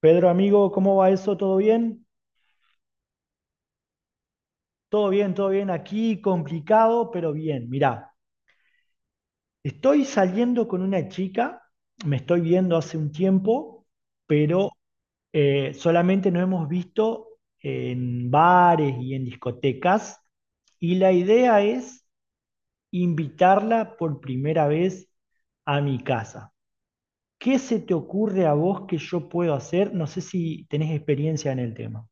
Pedro, amigo, ¿cómo va eso? ¿Todo bien? Todo bien, todo bien. Aquí complicado, pero bien. Mirá, estoy saliendo con una chica, me estoy viendo hace un tiempo, pero solamente nos hemos visto en bares y en discotecas. Y la idea es invitarla por primera vez a mi casa. ¿Qué se te ocurre a vos que yo puedo hacer? No sé si tenés experiencia en el tema.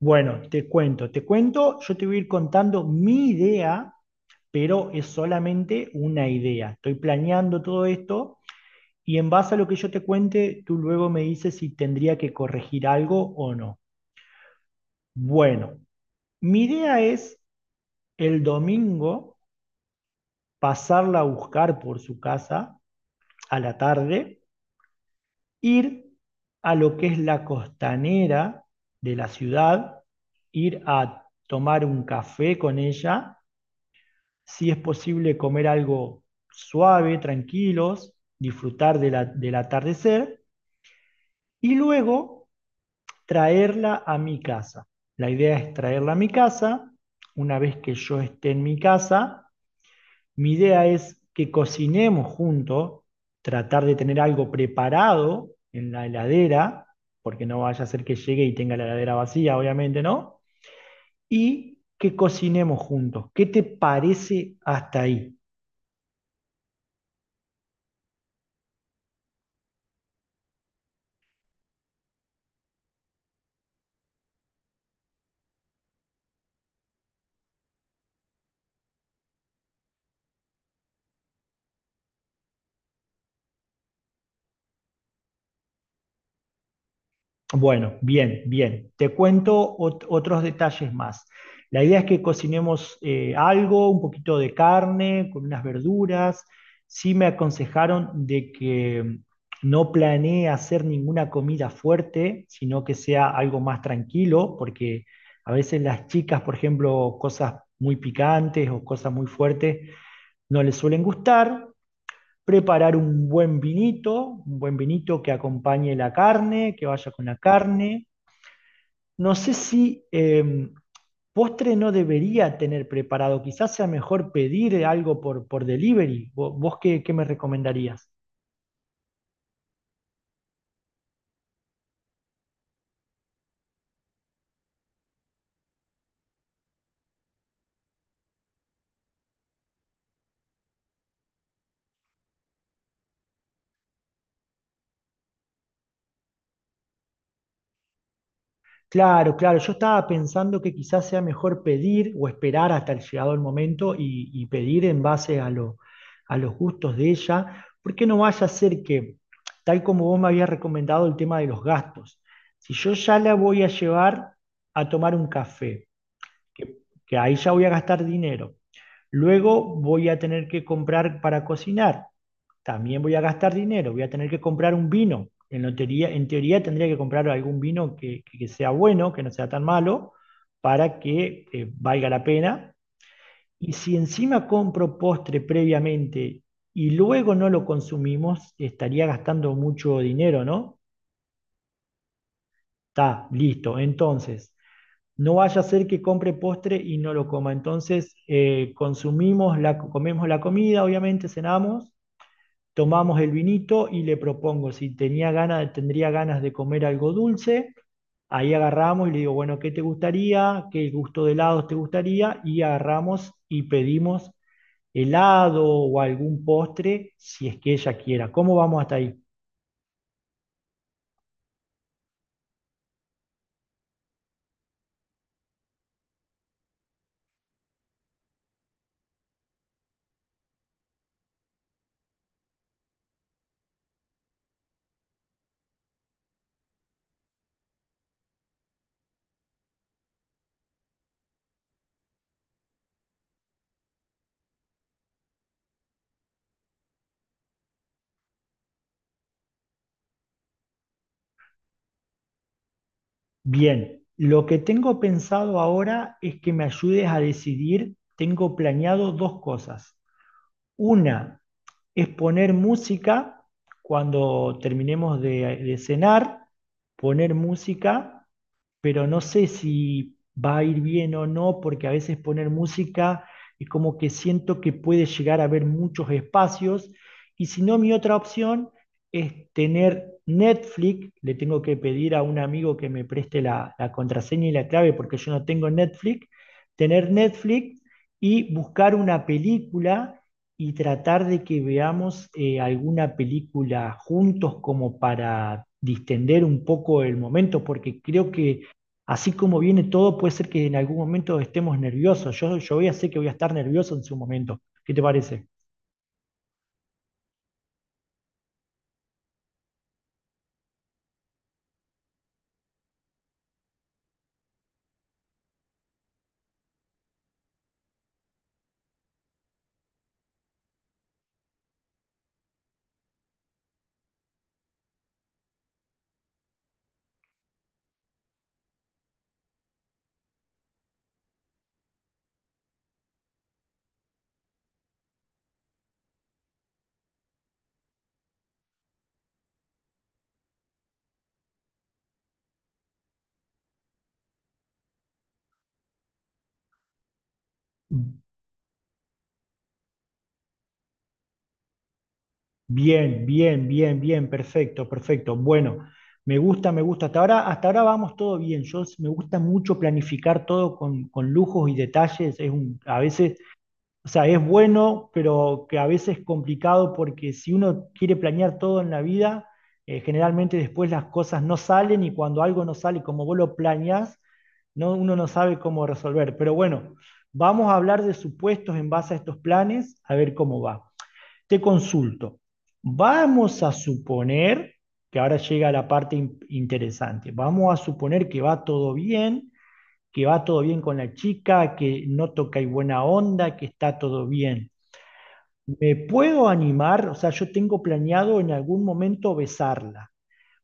Bueno, te cuento, yo te voy a ir contando mi idea, pero es solamente una idea. Estoy planeando todo esto y en base a lo que yo te cuente, tú luego me dices si tendría que corregir algo o no. Bueno, mi idea es el domingo pasarla a buscar por su casa a la tarde, ir a lo que es la costanera de la ciudad, ir a tomar un café con ella, si es posible comer algo suave, tranquilos, disfrutar de del atardecer y luego traerla a mi casa. La idea es traerla a mi casa. Una vez que yo esté en mi casa, mi idea es que cocinemos juntos, tratar de tener algo preparado en la heladera, porque no vaya a ser que llegue y tenga la heladera vacía, obviamente, ¿no? Y que cocinemos juntos. ¿Qué te parece hasta ahí? Bueno, bien, bien. Te cuento otros detalles más. La idea es que cocinemos algo, un poquito de carne, con unas verduras. Sí me aconsejaron de que no planee hacer ninguna comida fuerte, sino que sea algo más tranquilo, porque a veces las chicas, por ejemplo, cosas muy picantes o cosas muy fuertes no les suelen gustar. Preparar un buen vinito que acompañe la carne, que vaya con la carne. No sé si postre no debería tener preparado, quizás sea mejor pedir algo por delivery. ¿Vos, qué me recomendarías? Claro, claro, yo estaba pensando que quizás sea mejor pedir o esperar hasta el llegado el momento y pedir en base a a los gustos de ella, porque no vaya a ser que, tal como vos me habías recomendado el tema de los gastos, si yo ya la voy a llevar a tomar un café, que que ahí ya voy a gastar dinero. Luego voy a tener que comprar para cocinar. También voy a gastar dinero. Voy a tener que comprar un vino. En teoría tendría que comprar algún vino que sea bueno, que no sea tan malo, para que valga la pena. Y si encima compro postre previamente y luego no lo consumimos, estaría gastando mucho dinero, ¿no? Está, listo. Entonces, no vaya a ser que compre postre y no lo coma. Entonces, consumimos comemos la comida, obviamente, cenamos, tomamos el vinito y le propongo si tenía ganas, tendría ganas de comer algo dulce. Ahí agarramos y le digo, bueno, ¿qué te gustaría? ¿Qué gusto de helados te gustaría? Y agarramos y pedimos helado o algún postre si es que ella quiera. ¿Cómo vamos hasta ahí? Bien, lo que tengo pensado ahora es que me ayudes a decidir, tengo planeado dos cosas. Una, es poner música cuando terminemos de cenar, poner música, pero no sé si va a ir bien o no, porque a veces poner música es como que siento que puede llegar a haber muchos espacios, y si no, mi otra opción es tener Netflix, le tengo que pedir a un amigo que me preste la contraseña y la clave porque yo no tengo Netflix, tener Netflix y buscar una película y tratar de que veamos alguna película juntos como para distender un poco el momento, porque creo que así como viene todo, puede ser que en algún momento estemos nerviosos. Yo voy a sé que voy a estar nervioso en su momento. ¿Qué te parece? Bien, bien, bien, bien, perfecto, perfecto. Bueno, me gusta, me gusta. Hasta ahora vamos todo bien. Me gusta mucho planificar todo con lujos y detalles. Es un, a veces. O sea, es bueno, pero que a veces es complicado porque si uno quiere planear todo en la vida, generalmente después las cosas no salen y cuando algo no sale como vos lo planeás, no, uno no sabe cómo resolver. Pero bueno, vamos a hablar de supuestos en base a estos planes, a ver cómo va. Te consulto. Vamos a suponer, que ahora llega la parte interesante, vamos a suponer que va todo bien, que va todo bien con la chica, que no toca y buena onda, que está todo bien. ¿Me puedo animar? O sea, yo tengo planeado en algún momento besarla.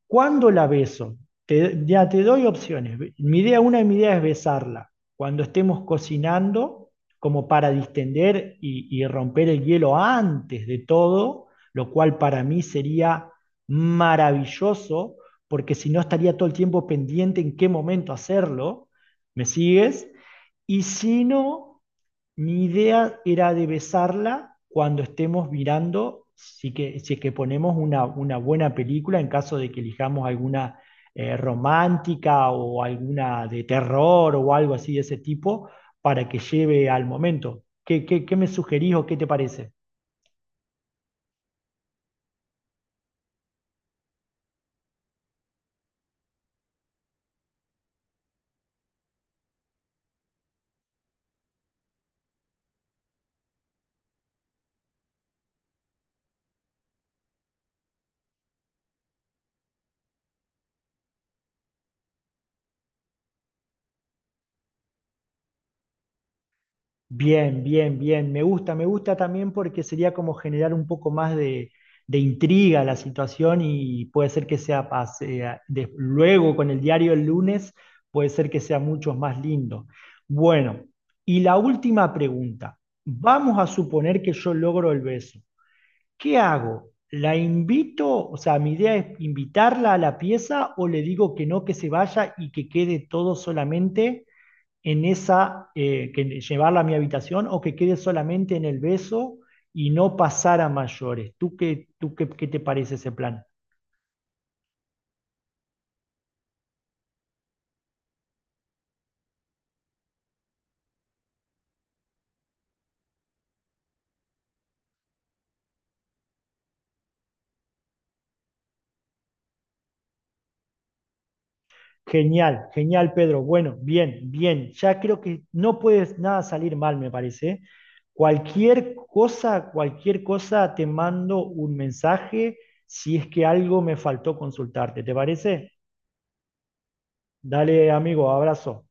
¿Cuándo la beso? Ya te doy opciones. Mi idea, una de mis ideas es besarla cuando estemos cocinando, como para distender y romper el hielo antes de todo, lo cual para mí sería maravilloso, porque si no estaría todo el tiempo pendiente en qué momento hacerlo. ¿Me sigues? Y si no, mi idea era de besarla cuando estemos mirando, si es que ponemos una buena película, en caso de que elijamos alguna romántica o alguna de terror o algo así de ese tipo, para que lleve al momento. ¿ qué me sugerís o qué te parece? Bien, bien, bien. Me gusta también porque sería como generar un poco más de intriga a la situación y puede ser que sea, luego con el diario el lunes, puede ser que sea mucho más lindo. Bueno, y la última pregunta. Vamos a suponer que yo logro el beso. ¿Qué hago? ¿La invito? O sea, mi idea es invitarla a la pieza o le digo que no, que se vaya y que quede todo solamente en esa, que llevarla a mi habitación o que quede solamente en el beso y no pasar a mayores. ¿Tú qué, te parece ese plan? Genial, genial, Pedro. Bueno, bien, bien. Ya creo que no puedes nada salir mal, me parece. Cualquier cosa, te mando un mensaje si es que algo me faltó consultarte. ¿Te parece? Dale, amigo, abrazo.